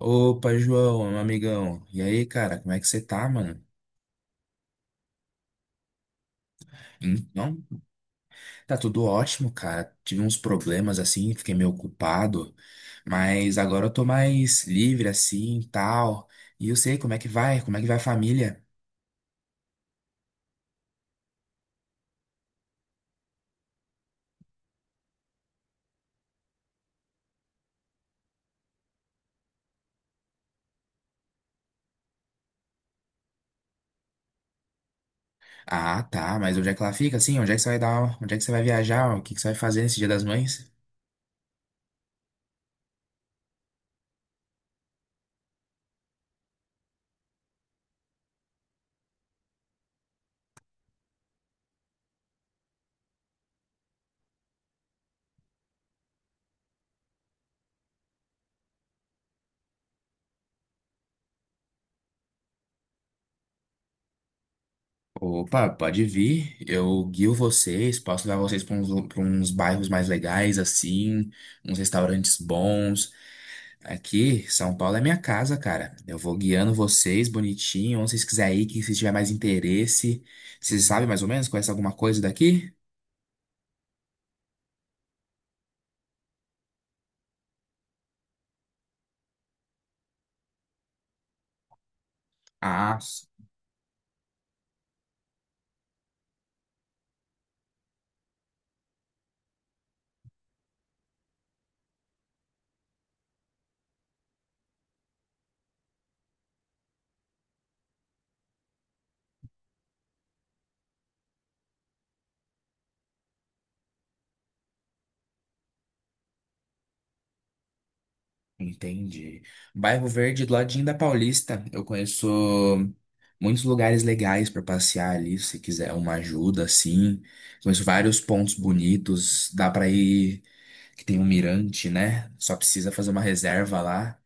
Opa, João, meu amigão. E aí, cara, como é que você tá, mano? Então, tá tudo ótimo, cara. Tive uns problemas assim, fiquei meio ocupado, mas agora eu tô mais livre assim, e tal. E eu sei como é que vai a família. Ah, tá, mas onde é que ela fica assim? Onde é que você vai viajar? O que que você vai fazer nesse Dia das Mães? Opa, pode vir. Eu guio vocês, posso levar vocês pra uns bairros mais legais, assim, uns restaurantes bons. Aqui, São Paulo é minha casa, cara. Eu vou guiando vocês bonitinho, onde vocês quiserem ir, que se tiver mais interesse. Vocês sabem mais ou menos? Conhece alguma coisa daqui? Ah, s- Entendi. Bairro Verde, do ladinho da Paulista. Eu conheço muitos lugares legais para passear ali, se quiser uma ajuda, assim. Conheço vários pontos bonitos. Dá para ir, que tem um mirante, né? Só precisa fazer uma reserva lá.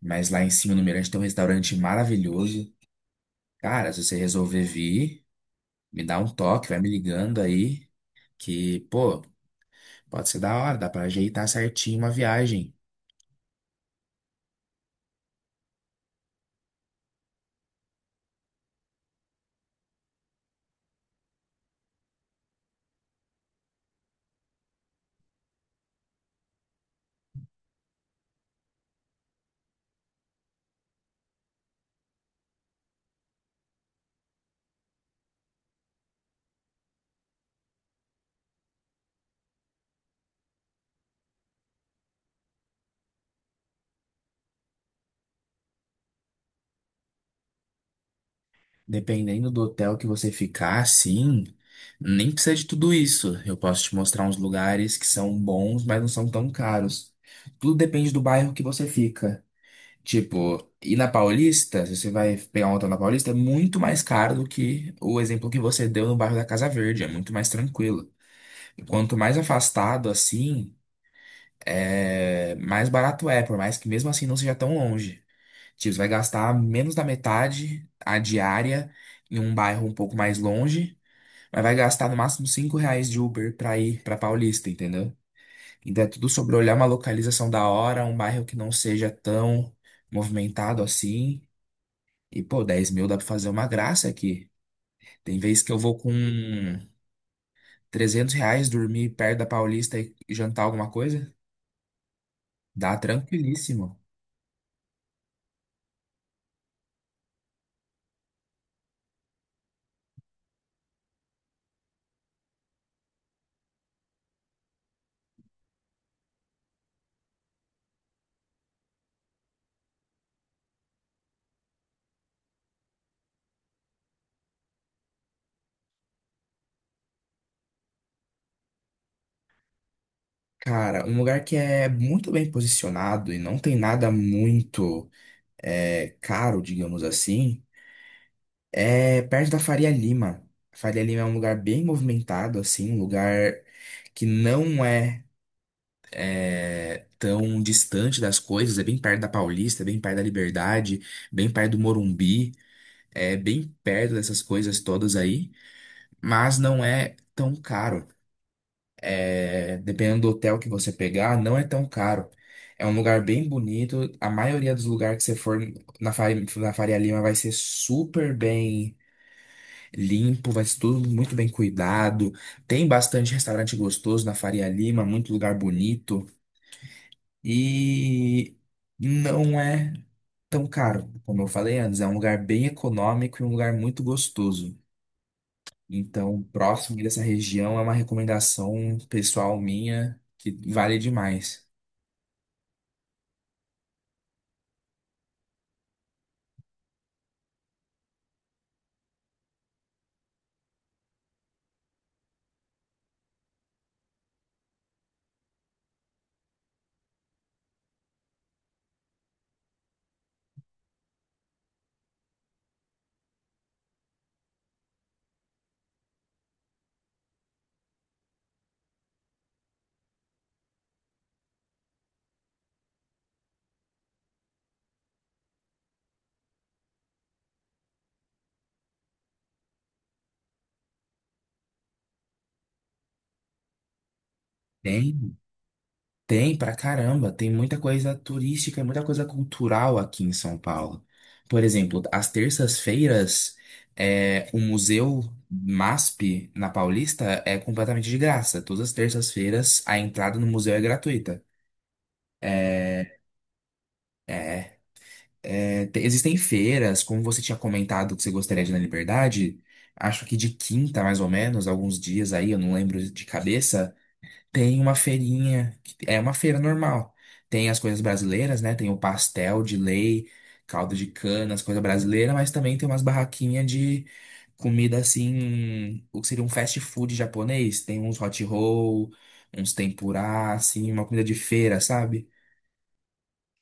Mas lá em cima no Mirante tem um restaurante maravilhoso. Cara, se você resolver vir, me dá um toque, vai me ligando aí, que, pô, pode ser da hora, dá pra ajeitar certinho uma viagem. Dependendo do hotel que você ficar, sim, nem precisa de tudo isso. Eu posso te mostrar uns lugares que são bons, mas não são tão caros. Tudo depende do bairro que você fica. Tipo, e na Paulista, se você vai pegar um hotel na Paulista, é muito mais caro do que o exemplo que você deu no bairro da Casa Verde, é muito mais tranquilo. Quanto mais afastado assim. É, mais barato é, por mais que mesmo assim não seja tão longe. Tipo, você vai gastar menos da metade a diária em um bairro um pouco mais longe, mas vai gastar no máximo R$ 5 de Uber pra ir pra Paulista, entendeu? Então é tudo sobre olhar uma localização da hora, um bairro que não seja tão movimentado assim. E, pô, 10.000 dá pra fazer uma graça aqui. Tem vezes que eu vou com R$ 300 dormir perto da Paulista e jantar alguma coisa, dá tranquilíssimo. Cara, um lugar que é muito bem posicionado e não tem nada muito caro, digamos assim, é perto da Faria Lima. Faria Lima é um lugar bem movimentado, assim, um lugar que não é, tão distante das coisas, é bem perto da Paulista, é bem perto da Liberdade, bem perto do Morumbi, é bem perto dessas coisas todas aí, mas não é tão caro. É, dependendo do hotel que você pegar, não é tão caro. É um lugar bem bonito. A maioria dos lugares que você for na Faria Lima vai ser super bem limpo, vai ser tudo muito bem cuidado. Tem bastante restaurante gostoso na Faria Lima, muito lugar bonito. E não é tão caro, como eu falei antes. É um lugar bem econômico e um lugar muito gostoso. Então, próximo dessa região é uma recomendação pessoal minha que vale demais. Tem, tem pra caramba, tem muita coisa turística, muita coisa cultural aqui em São Paulo. Por exemplo, às terças-feiras, o Museu MASP na Paulista é completamente de graça. Todas as terças-feiras, a entrada no museu é gratuita. É, Existem feiras, como você tinha comentado que você gostaria de ir na Liberdade, acho que de quinta, mais ou menos, alguns dias aí, eu não lembro de cabeça, tem uma feirinha, que é uma feira normal. Tem as coisas brasileiras, né? Tem o pastel de lei, caldo de cana, as coisas brasileiras, mas também tem umas barraquinhas de comida assim, o que seria um fast food japonês. Tem uns hot roll, uns tempurá, assim, uma comida de feira, sabe?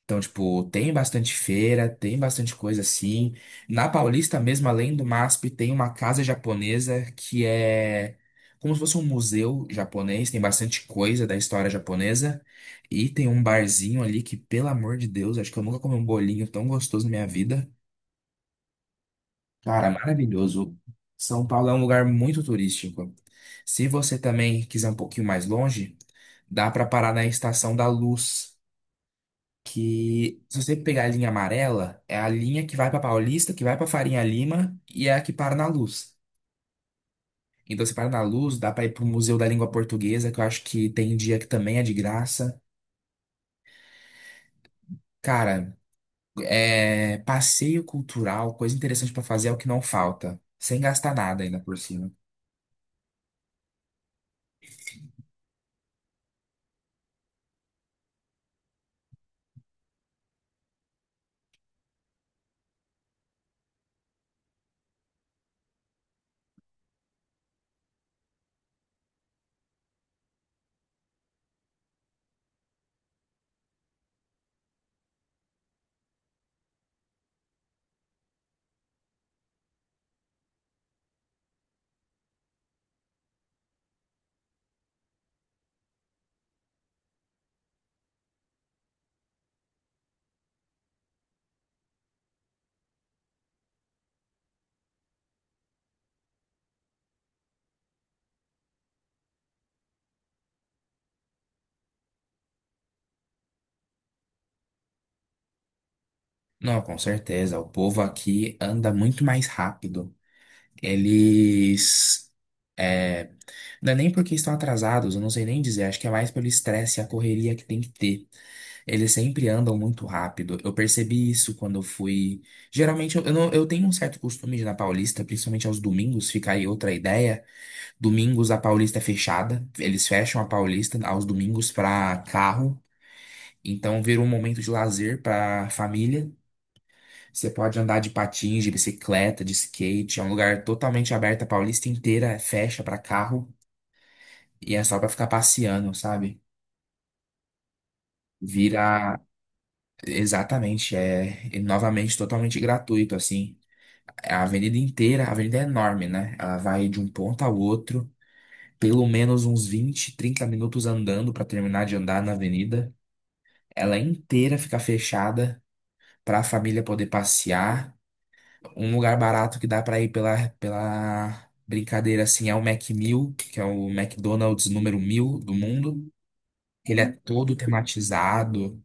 Então, tipo, tem bastante feira, tem bastante coisa assim. Na Paulista mesmo, além do MASP, tem uma casa japonesa que é como se fosse um museu japonês, tem bastante coisa da história japonesa. E tem um barzinho ali que, pelo amor de Deus, acho que eu nunca comi um bolinho tão gostoso na minha vida. Cara, maravilhoso. São Paulo é um lugar muito turístico. Se você também quiser um pouquinho mais longe, dá para parar na Estação da Luz que se você pegar a linha amarela, é a linha que vai para Paulista, que vai para Farinha Lima e é a que para na Luz. Então, você para na Luz, dá para ir pro Museu da Língua Portuguesa, que eu acho que tem dia que também é de graça. Cara, é passeio cultural, coisa interessante para fazer é o que não falta, sem gastar nada ainda por cima. Não, com certeza, o povo aqui anda muito mais rápido. Eles é, não é nem porque estão atrasados, eu não sei nem dizer, acho que é mais pelo estresse e a correria que tem que ter. Eles sempre andam muito rápido. Eu percebi isso quando eu fui. Geralmente eu não- eu tenho um certo costume de ir na Paulista, principalmente aos domingos, fica aí outra ideia. Domingos a Paulista é fechada. Eles fecham a Paulista aos domingos para carro. Então vira um momento de lazer para família. Você pode andar de patins, de bicicleta, de skate. É um lugar totalmente aberto. A Paulista inteira fecha para carro e é só para ficar passeando, sabe? Vira exatamente, e novamente totalmente gratuito assim. É, a avenida inteira, a avenida é enorme, né? Ela vai de um ponto ao outro, pelo menos uns 20, 30 minutos andando para terminar de andar na avenida. Ela inteira fica fechada para a família poder passear. Um lugar barato que dá para ir pela brincadeira assim é o Mac 1000, que é o McDonald's número 1.000 do mundo. Ele é todo tematizado,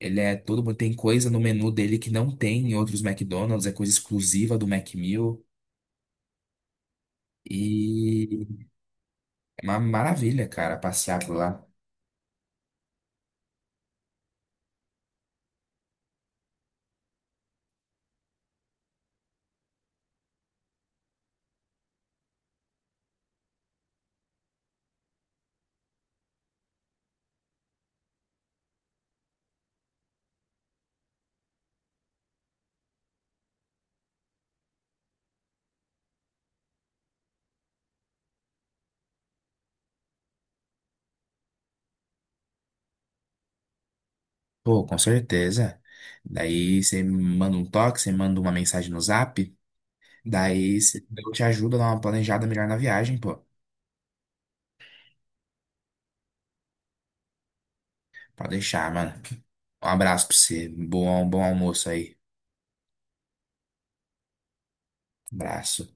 ele é todo, tem coisa no menu dele que não tem em outros McDonald's, é coisa exclusiva do Mac 1000. E Uma maravilha, cara, passear por lá. Pô, com certeza. Daí você manda um toque, você manda uma mensagem no Zap. Eu te ajudo a dar uma planejada melhor na viagem, pô. Pode deixar, mano. Um abraço pra você. Bom, bom almoço aí. Abraço.